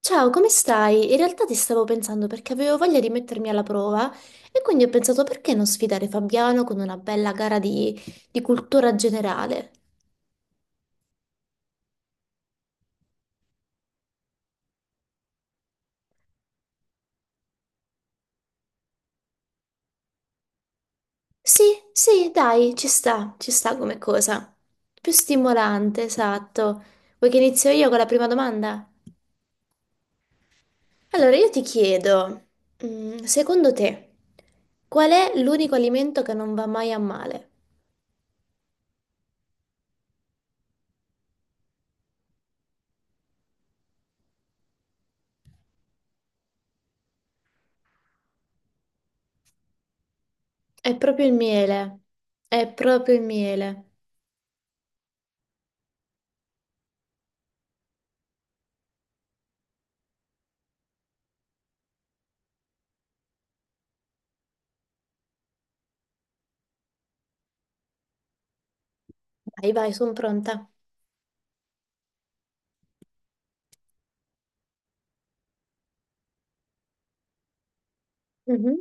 Ciao, come stai? In realtà ti stavo pensando perché avevo voglia di mettermi alla prova e quindi ho pensato perché non sfidare Fabiano con una bella gara di cultura generale. Sì, sì, dai, ci sta come cosa. Più stimolante, esatto. Vuoi che inizio io con la prima domanda? Allora, io ti chiedo, secondo te, qual è l'unico alimento che non va mai a male? È proprio il miele. Vai, vai, sono pronta. Mhm.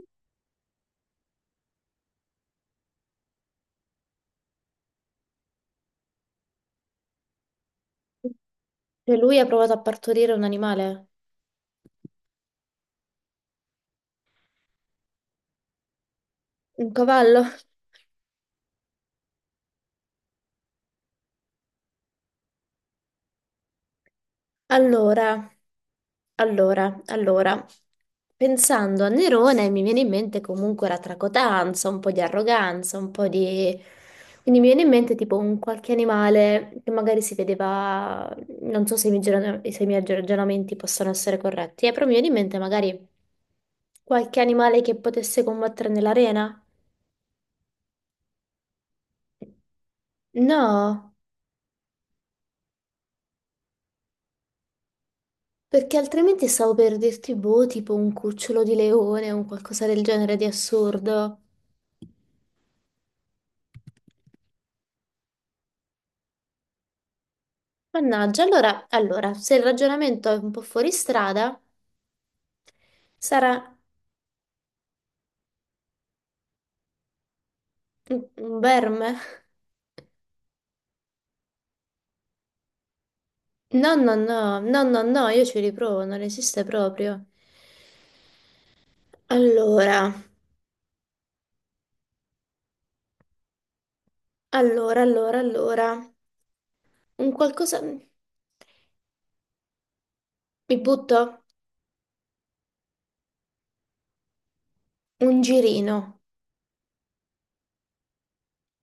Cioè, lui ha provato a partorire un animale, un cavallo. Allora, allora, pensando a Nerone mi viene in mente comunque la tracotanza, un po' di arroganza, un po' di... Quindi mi viene in mente tipo un qualche animale che magari si vedeva, non so se i miei, se i miei ragionamenti possono essere corretti, però mi viene in mente magari qualche animale che potesse combattere nell'arena. No. Perché altrimenti stavo per dirti, boh, tipo un cucciolo di leone o un qualcosa del genere di assurdo. Mannaggia, allora, se il ragionamento è un po' fuori strada, sarà un verme? No, no, no, no, no, no, io ci riprovo, non esiste proprio. Allora, allora, un qualcosa... Mi butto? Un girino.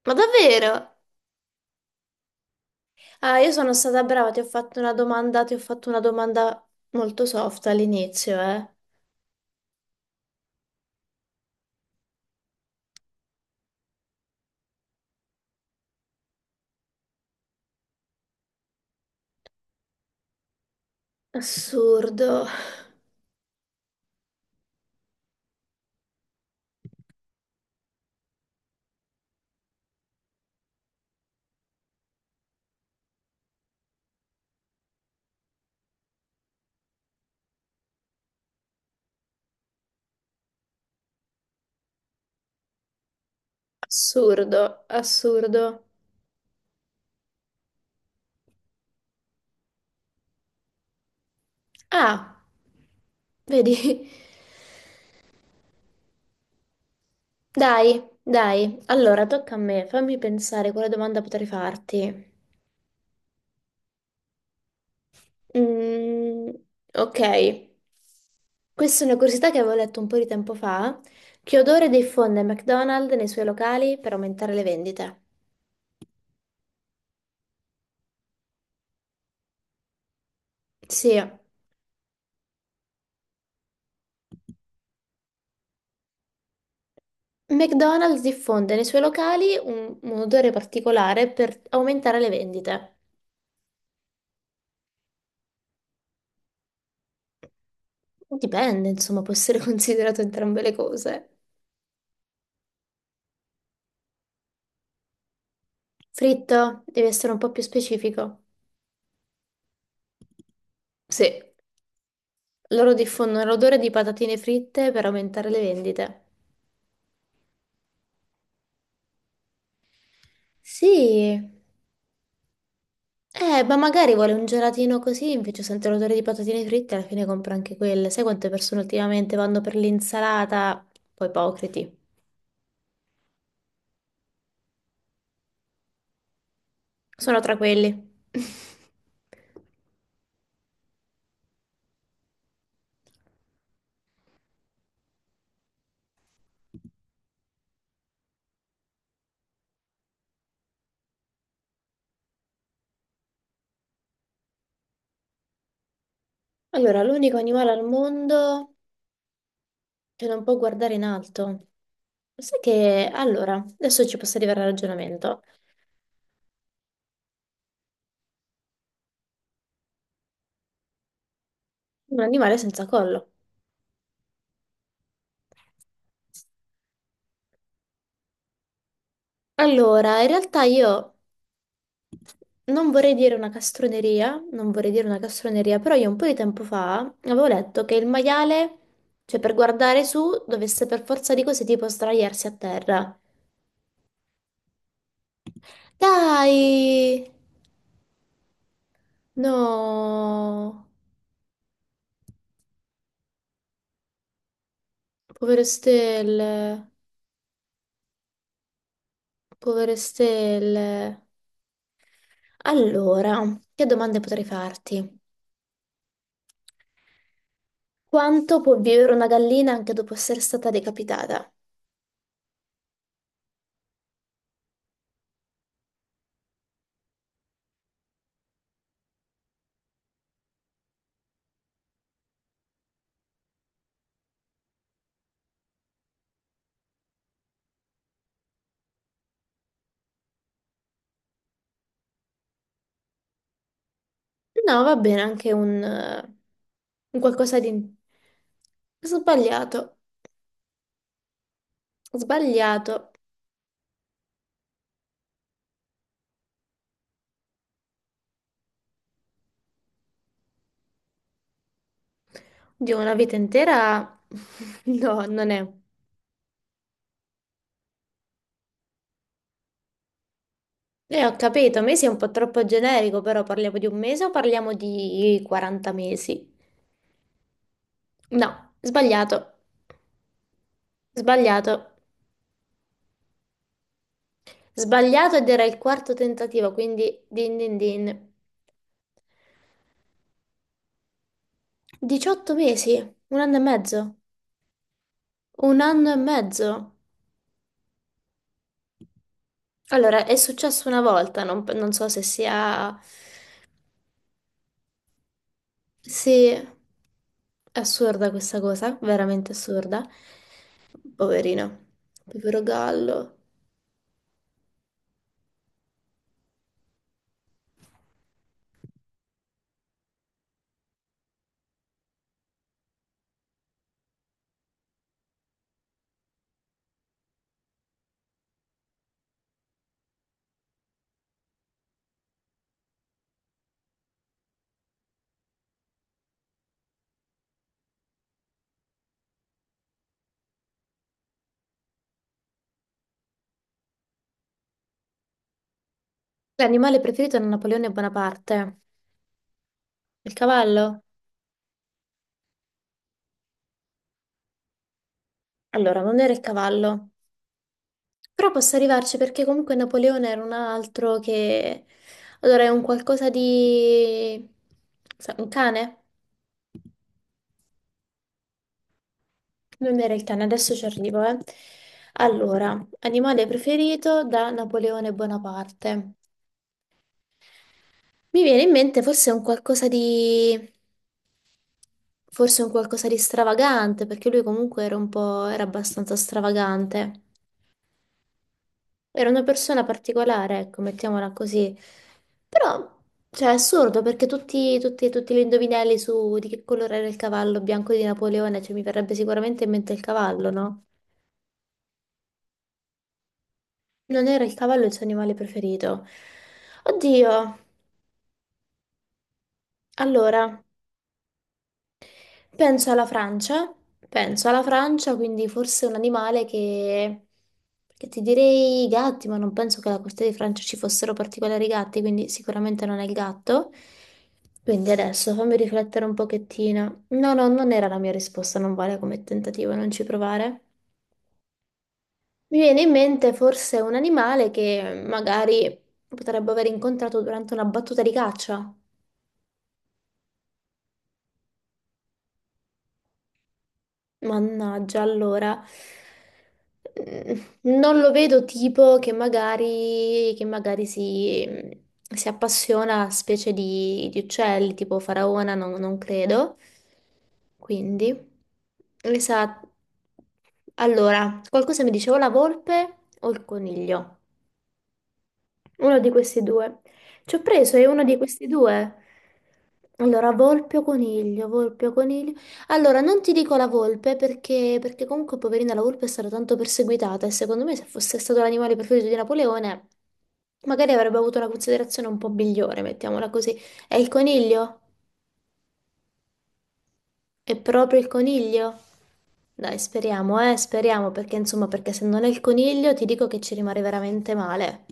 Ma davvero? Ah, io sono stata brava, ti ho fatto una domanda, ti ho fatto una domanda molto soft all'inizio, eh. Assurdo, assurdo, assurdo. Ah, vedi? Dai, dai. Allora, tocca a me, fammi pensare quale domanda potrei farti. Mm, ok. Questa è una curiosità che avevo letto un po' di tempo fa. Che odore diffonde McDonald's nei suoi locali per aumentare le vendite? Sì. McDonald's diffonde nei suoi locali un odore particolare per aumentare le vendite. Dipende, insomma, può essere considerato entrambe le cose. Fritto, devi essere un po' più specifico. Sì, loro diffondono l'odore di patatine fritte per aumentare le vendite. Sì, ma magari vuole un gelatino così, invece sente l'odore di patatine fritte e alla fine compra anche quelle. Sai quante persone ultimamente vanno per l'insalata? Un po' ipocriti. Sono tra quelli. Allora, l'unico animale al mondo che non può guardare in alto. Sai che, allora, adesso ci posso arrivare al ragionamento. Un animale senza collo. Allora, in realtà io non vorrei dire una castroneria, non vorrei dire una castroneria, però io un po' di tempo fa avevo letto che il maiale, cioè per guardare su, dovesse per forza di cose tipo sdraiarsi a terra. Dai! No! Povere stelle, povere stelle. Allora, che domande potrei farti? Quanto può vivere una gallina anche dopo essere stata decapitata? No, va bene, anche un qualcosa di... Sbagliato, sbagliato. Di una vita intera? No, non è. E ho capito, mesi è un po' troppo generico, però parliamo di un mese o parliamo di 40 mesi? No, sbagliato, sbagliato. Sbagliato ed era il quarto tentativo, quindi din din din. 18 mesi, un anno e mezzo, un anno e mezzo. Allora, è successo una volta, non so se sia... Sì, è assurda questa cosa, veramente assurda. Poverino, povero gallo. L'animale preferito da Napoleone Bonaparte? Il cavallo? Allora, non era il cavallo. Però posso arrivarci perché comunque Napoleone era un altro che... Allora, è un qualcosa di... Un cane? Non era il cane, adesso ci arrivo, eh. Allora, animale preferito da Napoleone Bonaparte. Mi viene in mente forse un qualcosa di... forse un qualcosa di stravagante, perché lui comunque era un po'... era abbastanza stravagante. Era una persona particolare, ecco, mettiamola così. Però, cioè, è assurdo, perché tutti gli indovinelli su di che colore era il cavallo bianco di Napoleone, cioè mi verrebbe sicuramente in mente il cavallo, no? Non era il cavallo il suo animale preferito. Oddio, allora, penso alla Francia, penso alla Francia, quindi forse un animale che... Perché ti direi i gatti, ma non penso che alla costa di Francia ci fossero particolari gatti, quindi sicuramente non è il gatto. Quindi adesso fammi riflettere un pochettino. No, no, non era la mia risposta, non vale come tentativo, non ci provare. Mi viene in mente forse un animale che magari potrebbe aver incontrato durante una battuta di caccia. Mannaggia, allora, non lo vedo tipo che magari si appassiona a specie di uccelli, tipo faraona, non, non credo. Quindi, esatto. Allora, qualcosa mi diceva la volpe o il coniglio? Uno di questi due. Ci ho preso, è uno di questi due. Allora, volpe o coniglio, volpe o coniglio. Allora, non ti dico la volpe perché comunque, poverina, la volpe è stata tanto perseguitata e secondo me se fosse stato l'animale preferito di Napoleone, magari avrebbe avuto una considerazione un po' migliore, mettiamola così. È il coniglio? È proprio il coniglio? Dai, speriamo, speriamo, perché insomma, perché se non è il coniglio ti dico che ci rimane veramente male.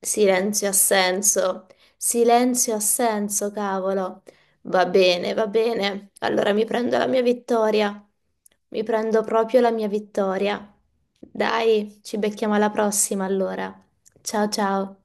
Silenzio assenso, silenzio assenso, cavolo. Va bene, va bene. Allora mi prendo la mia vittoria. Mi prendo proprio la mia vittoria. Dai, ci becchiamo alla prossima allora. Ciao ciao.